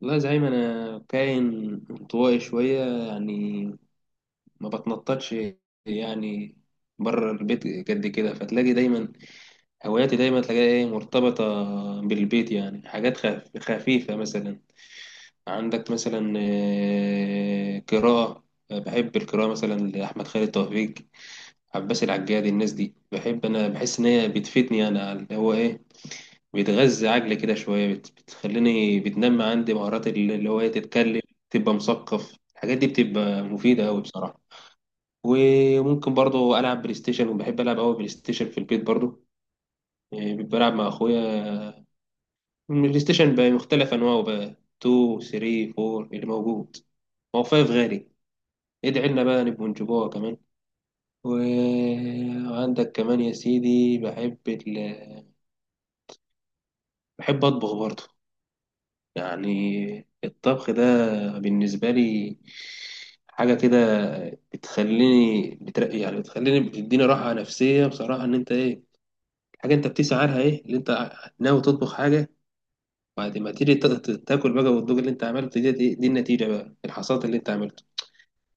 والله زعيم، انا كائن انطوائي شويه، يعني ما بتنططش يعني بره البيت قد كده. فتلاقي دايما هواياتي دايما تلاقيها ايه، مرتبطه بالبيت، يعني حاجات خفيفه مثلا. عندك مثلا قراءه. بحب القراءه مثلا لاحمد خالد توفيق، عباس العجاد، الناس دي بحب. انا بحس ان هي بتفيدني انا اللي هو ايه، بيتغذى عقلي كده شوية، بتخليني بتنمي عندي مهارات اللي هو إيه، تتكلم، تبقى مثقف. الحاجات دي بتبقى مفيدة أوي بصراحة. وممكن برضو ألعب بلاي ستيشن، وبحب ألعب أوي بلاي ستيشن في البيت برضو. إيه، بلعب مع أخويا. البلاي ستيشن بقى مختلف أنواعه بقى، 2 3 4 اللي موجود، هو 5 غالي. ادعي لنا بقى نبقوا نجيبوها كمان. و- وعندك كمان يا سيدي، بحب بحب أطبخ برضو. يعني الطبخ ده بالنسبة لي حاجة كده بتخليني بترقي، يعني بتخليني بتديني راحة نفسية بصراحة، إن أنت إيه، حاجة أنت بتسعى لها، إيه اللي أنت ناوي تطبخ حاجة، بعد ما تيجي تاكل بقى، والدوق اللي أنت عملته، دي النتيجة بقى، الحصاد اللي أنت عملته.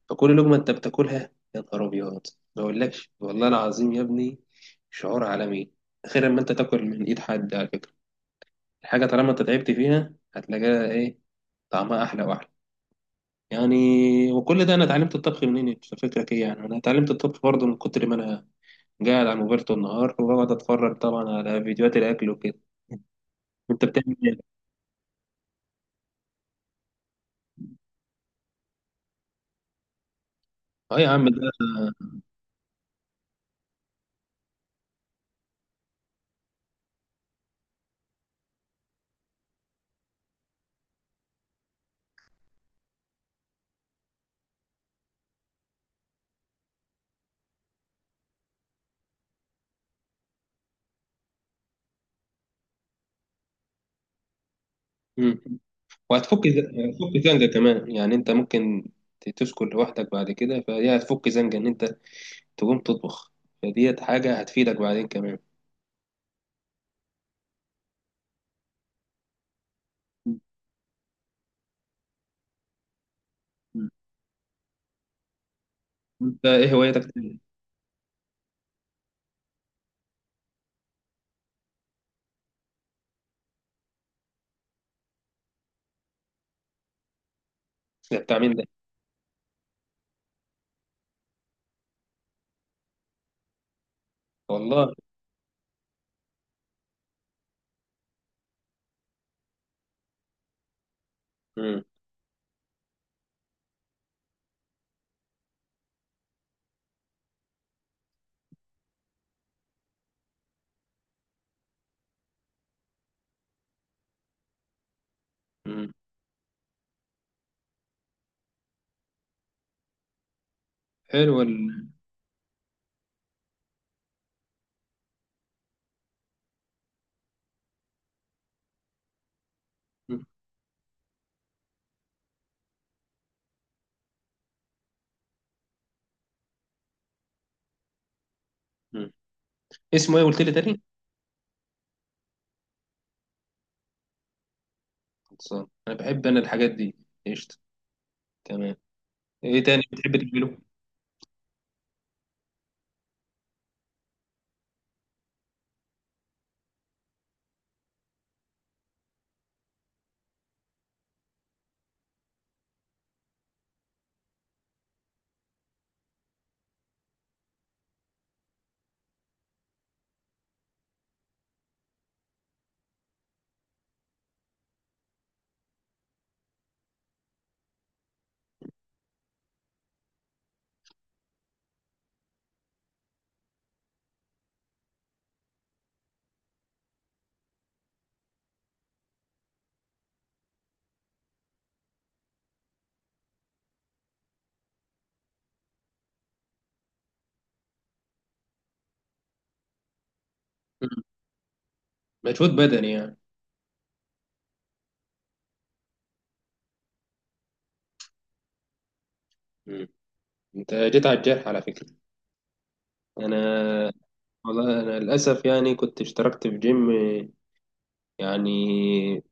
فكل لقمة أنت بتاكلها يا نهار أبيض، ما أقولكش والله العظيم يا ابني، شعور عالمي غير لما أنت تاكل من إيد حد على فكرة. الحاجة طالما أنت تعبت فيها هتلاقيها إيه، طعمها أحلى وأحلى يعني. وكل ده، انا اتعلمت الطبخ منين انت فكرك ايه؟ يعني انا اتعلمت الطبخ برضه من كتر ما انا قاعد على الموبايل طول النهار، وبقعد اتفرج طبعا على فيديوهات الاكل وكده. انت بتعمل ايه؟ اه يا عم ده. مم. وهتفك هتفك زنقه كمان، يعني انت ممكن تسكن لوحدك بعد كده، فدي هتفك زنقه ان انت تقوم تطبخ، فديت حاجه هتفيدك بعدين كمان. مم. انت ايه هوايتك تاني؟ لا، بتعمل ده. والله. مم. مم. حلو مم. مم. اسمه ايه قلت لي تاني؟ خلصان انا بحب انا الحاجات دي. قشطه، تمام. ايه تاني بتحب تعمله؟ مم. مجهود بدني يعني. مم. انت جيت على الجرح على فكره. انا، والله انا للاسف يعني كنت اشتركت في جيم، يعني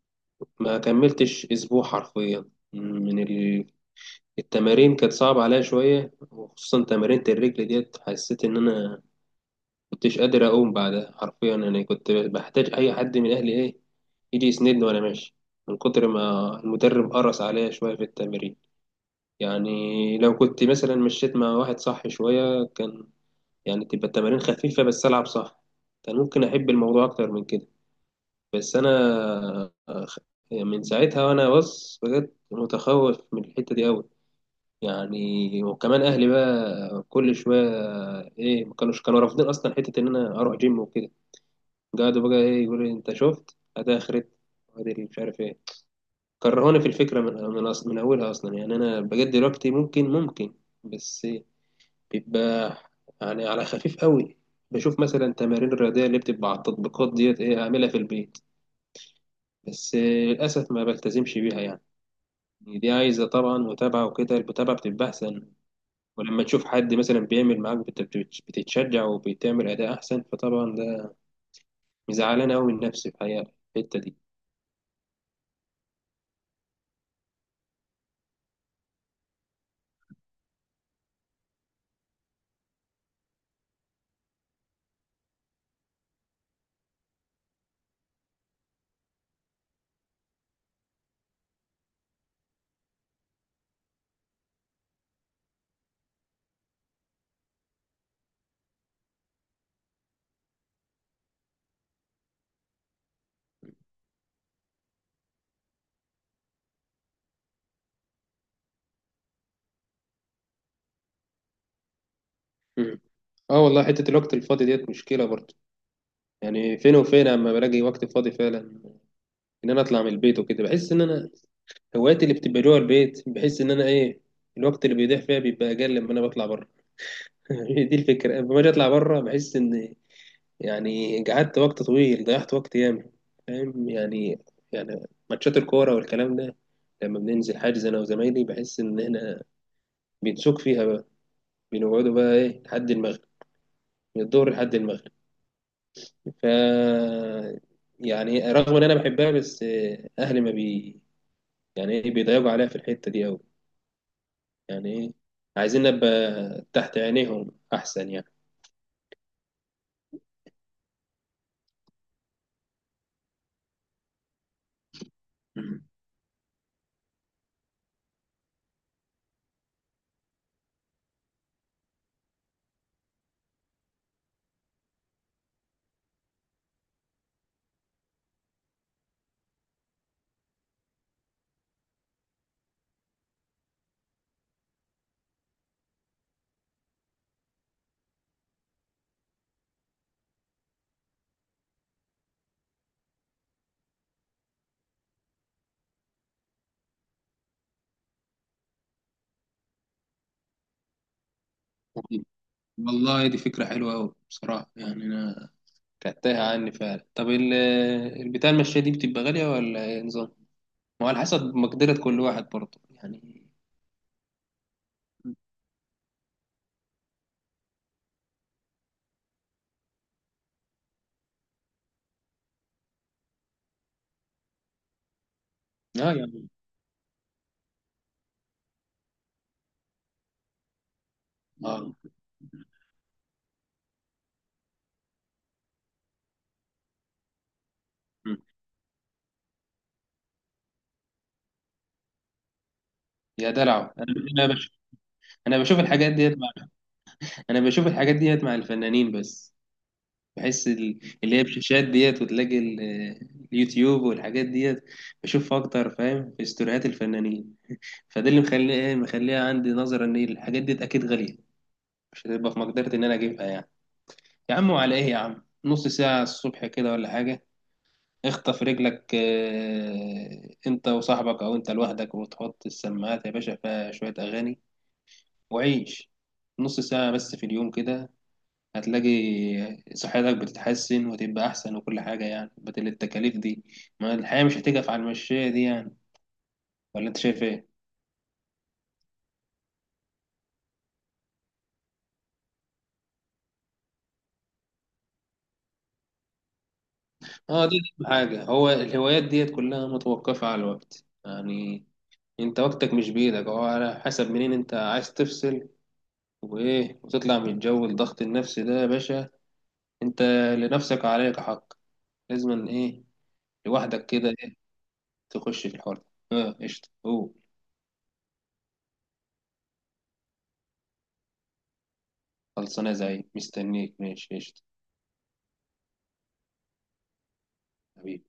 ما كملتش اسبوع حرفيا، من ال... التمارين كانت صعبة عليا شوية، وخصوصا تمارين الرجل ديت، حسيت إن أنا كنتش قادر أقوم بعدها حرفيا. أنا كنت بحتاج أي حد من أهلي إيه، ايدي يسندني وانا ماشي، من كتر ما المدرب قرص عليا شويه في التمرين. يعني لو كنت مثلا مشيت مع واحد صح شويه، كان يعني تبقى التمارين خفيفه بس العب صح، كان ممكن احب الموضوع اكتر من كده. بس انا أخ- من ساعتها وانا بص بجد متخوف من الحته دي قوي. يعني وكمان اهلي بقى كل شويه ايه، ما كانوش كانوا رافضين اصلا حته ان انا اروح جيم وكده. قعدوا بقى ايه يقولوا لي، انت شفت ادي اخرت، وادي مش عارف ايه. كرهوني في الفكرة من أولها أصلا. يعني أنا بجد دلوقتي ممكن، بس بيبقى يعني على خفيف قوي. بشوف مثلا تمارين الرياضية اللي بتبقى على التطبيقات ديت إيه، أعملها في البيت، بس للأسف ما بلتزمش بيها يعني. دي عايزة طبعا متابعة، وكده المتابعة بتبقى أحسن. ولما تشوف حد مثلا بيعمل معاك، بتتشجع، وبتعمل أداء أحسن، فطبعا ده مزعلان أوي من نفسي الحقيقة، في الحقيقة الحتة دي. مم. اه والله، حتة الوقت الفاضي ديت مشكلة برضه. يعني فين وفين اما بلاقي وقت فاضي فعلا، ان انا اطلع من البيت وكده. بحس ان انا هواياتي اللي بتبقى جوه البيت، بحس ان انا ايه، الوقت اللي بيضيع فيها بيبقى اقل لما انا بطلع بره. هي دي الفكره، لما باجي اطلع بره بحس ان يعني قعدت وقت طويل، ضيعت وقت ياما، فاهم يعني. يعني ماتشات الكوره والكلام ده، لما بننزل حاجز انا وزمايلي، بحس ان احنا بنسوق فيها بقى، بنقعدوا بقى ايه لحد المغرب، من الظهر لحد المغرب. ف يعني رغم ان انا بحبها، بس اهلي ما بي، يعني ايه بيضايقوا عليها في الحته دي قوي، يعني ايه، عايزين نبقى تحت عينيهم احسن يعني. مم. والله دي فكرة حلوة أوي بصراحة، يعني أنا كانت تايهة عني فعلا. طب البتاع المشاية دي بتبقى غالية ولا إيه نظام؟ وعلى حسب مقدرة كل واحد برضه يعني. اه يعني. اه. مم. يا دلع انا، أنا بش... انا بشوف الحاجات ديت مع... انا بشوف الحاجات ديت مع الفنانين بس. بحس اللي هي بشاشات ديت، وتلاقي اليوتيوب والحاجات ديت، بشوف اكتر فاهم في استوريات الفنانين. فده اللي مخليه ايه، مخليها عندي نظرة ان الحاجات دي اكيد غالية، مش هتبقى في مقدرتي ان انا اجيبها يعني. يا عم، وعلى ايه يا عم، نص ساعة الصبح كده ولا حاجة، اخطف رجلك انت وصاحبك او انت لوحدك، وتحط السماعات يا باشا فيها شوية اغاني، وعيش. نص ساعة بس في اليوم كده، هتلاقي صحتك بتتحسن وتبقى احسن وكل حاجة، يعني بدل التكاليف دي، ما الحياة مش هتقف على المشاية دي يعني. ولا انت شايف ايه؟ اه دي أهم حاجة، هو الهوايات ديت كلها متوقفة على الوقت يعني. انت وقتك مش بإيدك، هو على حسب منين انت عايز تفصل، وايه، وتطلع من جو الضغط النفسي ده يا باشا. انت لنفسك عليك حق، لازم ايه، لوحدك كده ايه، تخش في الحوار ده. اه قشطة، اوه. خلصانة، زي مستنيك، ماشي قشطة. حبيبي.